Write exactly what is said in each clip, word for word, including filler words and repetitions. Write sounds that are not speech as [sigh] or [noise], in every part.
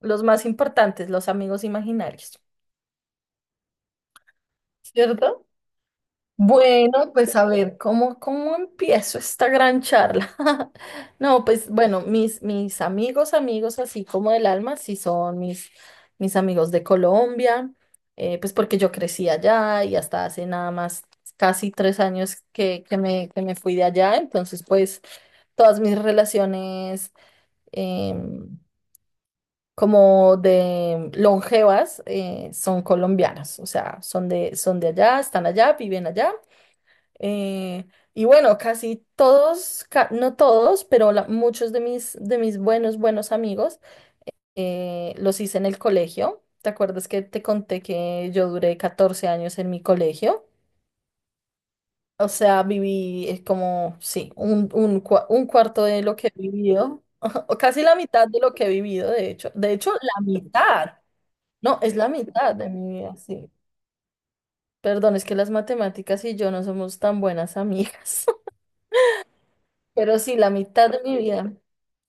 Los más importantes, los amigos imaginarios, ¿cierto? Bueno, pues a ver, ¿cómo, cómo empiezo esta gran charla? [laughs] No, pues bueno, mis, mis amigos, amigos así como del alma, sí son mis, mis amigos de Colombia, eh, pues porque yo crecí allá y hasta hace nada más casi tres años que, que me, que me fui de allá, entonces pues todas mis relaciones em, como de longevas eh, son colombianas, o sea, son de, son de allá, están allá, viven allá. eh, y bueno, casi todos, ca- no todos, pero la- muchos de mis, de mis buenos, buenos amigos eh, los hice en el colegio. ¿Te acuerdas que te conté que yo duré catorce años en mi colegio? O sea, viví eh, como, sí, un, un, cua- un cuarto de lo que he vivido, [laughs] o casi la mitad de lo que he vivido, de hecho. De hecho, la mitad. No, es la mitad de mi vida, sí. Perdón, es que las matemáticas y yo no somos tan buenas amigas, [laughs] pero sí, la mitad de mi vida.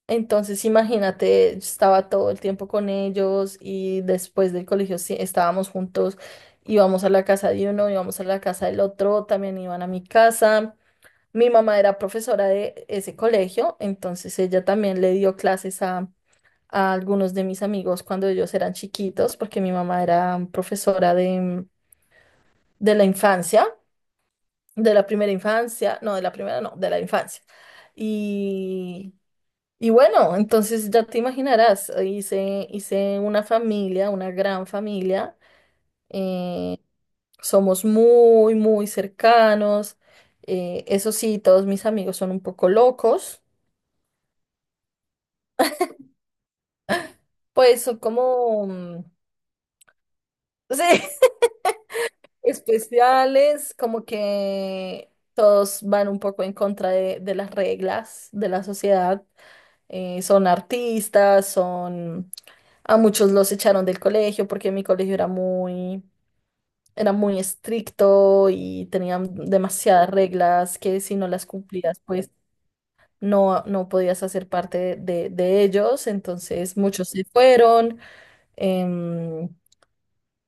Entonces, imagínate, estaba todo el tiempo con ellos y después del colegio sí, estábamos juntos, íbamos a la casa de uno, íbamos a la casa del otro, también iban a mi casa. Mi mamá era profesora de ese colegio, entonces ella también le dio clases a, a algunos de mis amigos cuando ellos eran chiquitos, porque mi mamá era profesora de... de la infancia, de la primera infancia, no, de la primera no, de la infancia. Y, y bueno, entonces ya te imaginarás, hice, hice una familia, una gran familia, eh, somos muy, muy cercanos, eh, eso sí, todos mis amigos son un poco locos, pues son como, mm, [laughs] sí, especiales, como que todos van un poco en contra de de las reglas de la sociedad. Eh, son artistas, son... A muchos los echaron del colegio porque mi colegio era muy, era muy estricto y tenían demasiadas reglas que si no las cumplías, pues no, no podías hacer parte de, de ellos. Entonces muchos se fueron. em,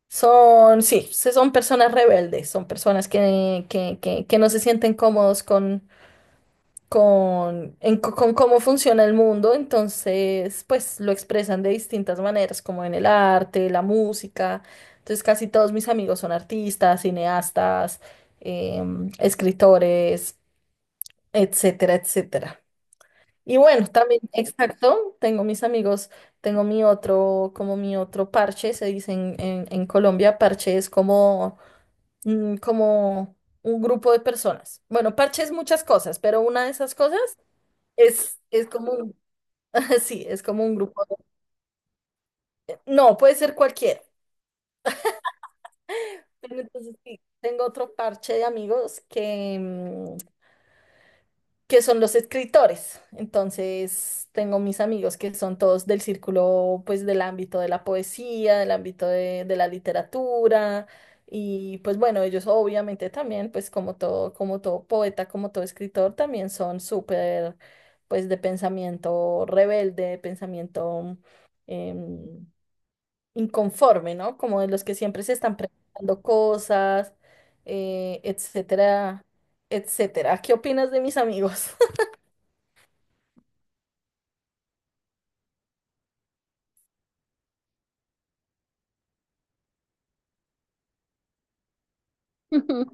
Son, sí, se- son personas rebeldes, son personas que, que, que, que no se sienten cómodos con, en co- con cómo funciona el mundo, entonces pues lo expresan de distintas maneras, como en el arte, la música. Entonces casi todos mis amigos son artistas, cineastas, em, escritores, etcétera, etcétera. Y bueno, también, exacto, tengo mis amigos, tengo mi otro, como mi otro parche, se dice en, en- en Colombia, parche es como, mm, como un grupo de personas. Bueno, parche es muchas cosas, pero una de esas cosas es, es como un, [laughs] sí, es como un grupo de- no, puede ser cualquiera. Pero entonces sí, tengo otro parche de amigos que, mm, que son los escritores. Entonces tengo mis amigos que son todos del círculo, pues del ámbito de la poesía, del ámbito de, de la literatura. Y pues bueno, ellos obviamente también, pues como todo, como todo poeta, como todo escritor, también son súper, pues de pensamiento rebelde, de pensamiento... em, Inconforme, ¿no? Como de los que siempre se están preguntando cosas, eh, etcétera, etcétera. ¿Qué opinas de mis amigos? [laughs] Ujú.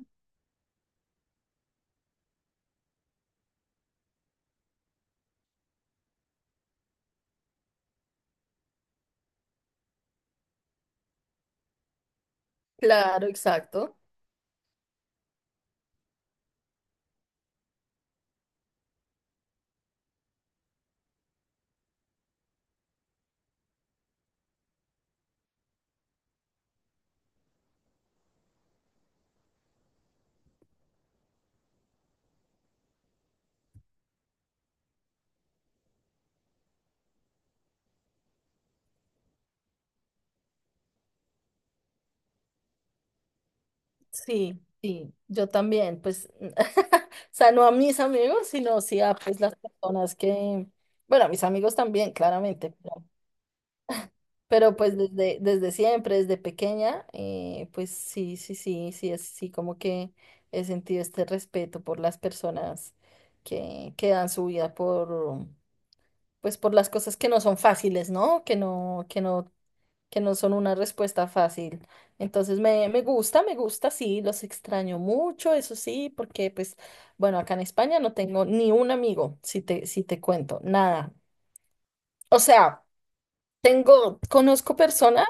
Claro, exacto. Sí, sí, yo también, pues, [laughs] o sea, no a mis amigos, sino sí a pues las personas que, bueno, a mis amigos también, claramente. Pero pues desde, desde siempre, desde pequeña, eh, pues sí, sí, sí, sí, es sí, como que he sentido este respeto por las personas que, que dan su vida por, pues por las cosas que no son fáciles, ¿no? Que no, que no, que no son una respuesta fácil. Entonces me, me gusta, me gusta, sí, los extraño mucho, eso sí, porque pues, bueno, acá en España no tengo ni un amigo, si te, si te cuento, nada. O sea, tengo, conozco personas.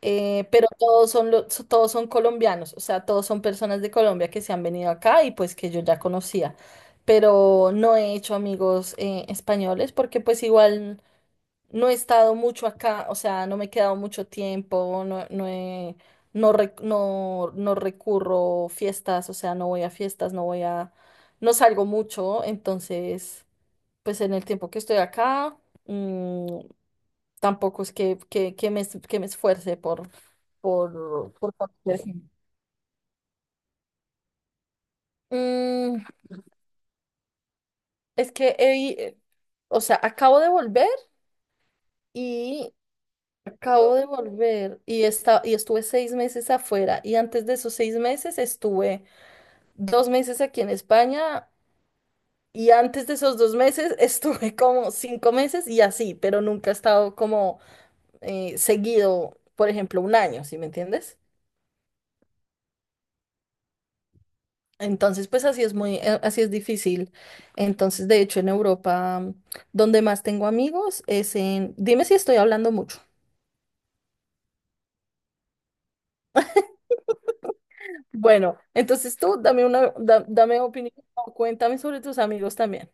eh, Pero todos son, lo- so- todos son colombianos, o sea, todos son personas de Colombia que se han venido acá y pues que yo ya conocía, pero no he hecho amigos eh, españoles porque pues igual no he estado mucho acá, o sea, no me he quedado mucho tiempo, no, no he- no, rec- no, no recurro fiestas, o sea, no voy a fiestas, no voy a, no salgo mucho, entonces, pues en el tiempo que estoy acá, mm, tampoco es que, que, que me, es- que me esfuerce por, por conocer gente. Mm, es que, he eh, o sea, acabo de volver y acabo de volver y, esta- y estuve seis meses afuera y antes de esos seis meses estuve dos meses aquí en España y antes de esos dos meses [laughs] estuve como cinco meses y así, pero nunca he estado como eh, seguido, por ejemplo, un año, ¿sí me entiendes? Entonces, pues así es muy, eh, así es difícil. Entonces, de hecho, en Europa, mm, donde más tengo amigos es en, dime si estoy hablando mucho. Bueno, entonces tú dame una, da- dame opinión, o cuéntame sobre tus amigos también.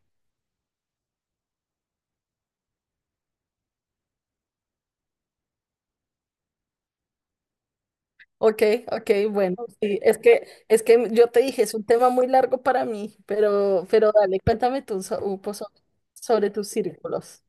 Ok, ok, bueno, sí, es que, es que yo te dije, es un tema muy largo para mí, pero, pero dale, cuéntame tú so- un poco sobre, sobre tus círculos.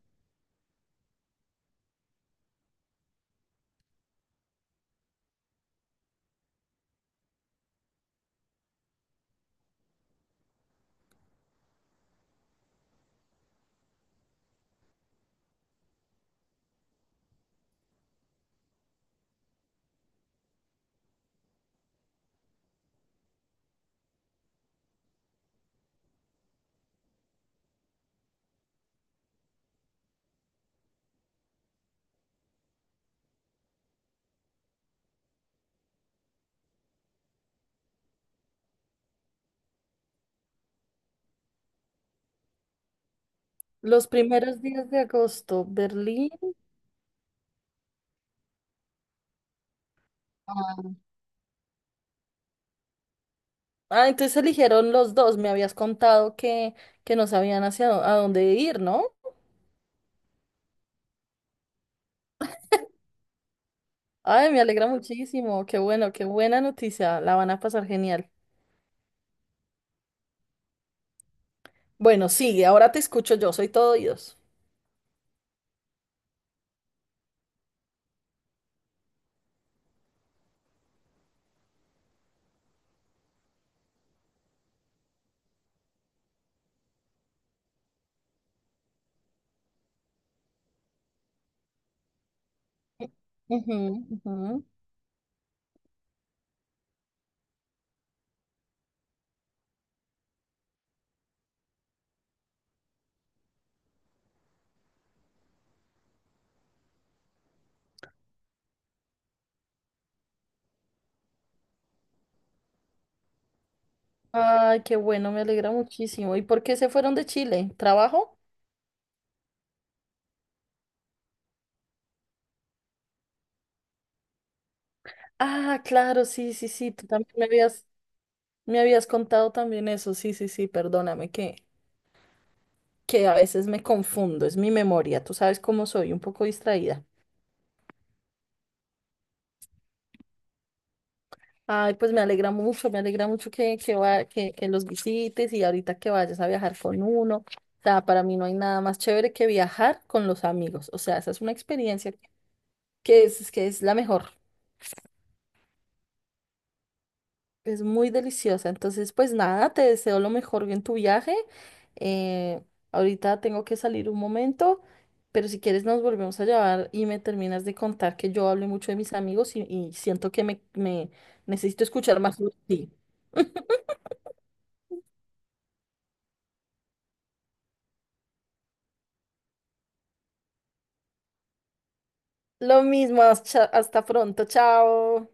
Los primeros días de agosto, Berlín. Ah, entonces eligieron los dos. Me habías contado que, que no sabían hacia dó- a dónde ir, ¿no? Ay, me alegra muchísimo. Qué bueno, qué buena noticia. La van a pasar genial. Bueno, sigue, ahora te escucho yo, soy todo oídos. Ujú, ujú. Ay, qué bueno, me alegra muchísimo. ¿Y por qué se fueron de Chile? ¿Trabajo? Ah, claro, sí, sí, sí. Tú también me habías, me habías contado también eso. Sí, sí, sí, perdóname que, que a veces me confundo. Es mi memoria. Tú sabes cómo soy, un poco distraída. Ay, pues me alegra mucho, me alegra mucho que, que, va- que, que los visites y ahorita que vayas a viajar con uno. O sea, para mí no hay nada más chévere que viajar con los amigos. O sea, esa es una experiencia que es, que es la mejor. Es muy deliciosa. Entonces, pues nada, te deseo lo mejor en tu viaje. Eh, Ahorita tengo que salir un momento, pero si quieres nos volvemos a llevar y me terminas de contar que yo hablé mucho de mis amigos y, y siento que me, me necesito escuchar más sobre ti. Lo mismo, hasta hasta pronto, chao.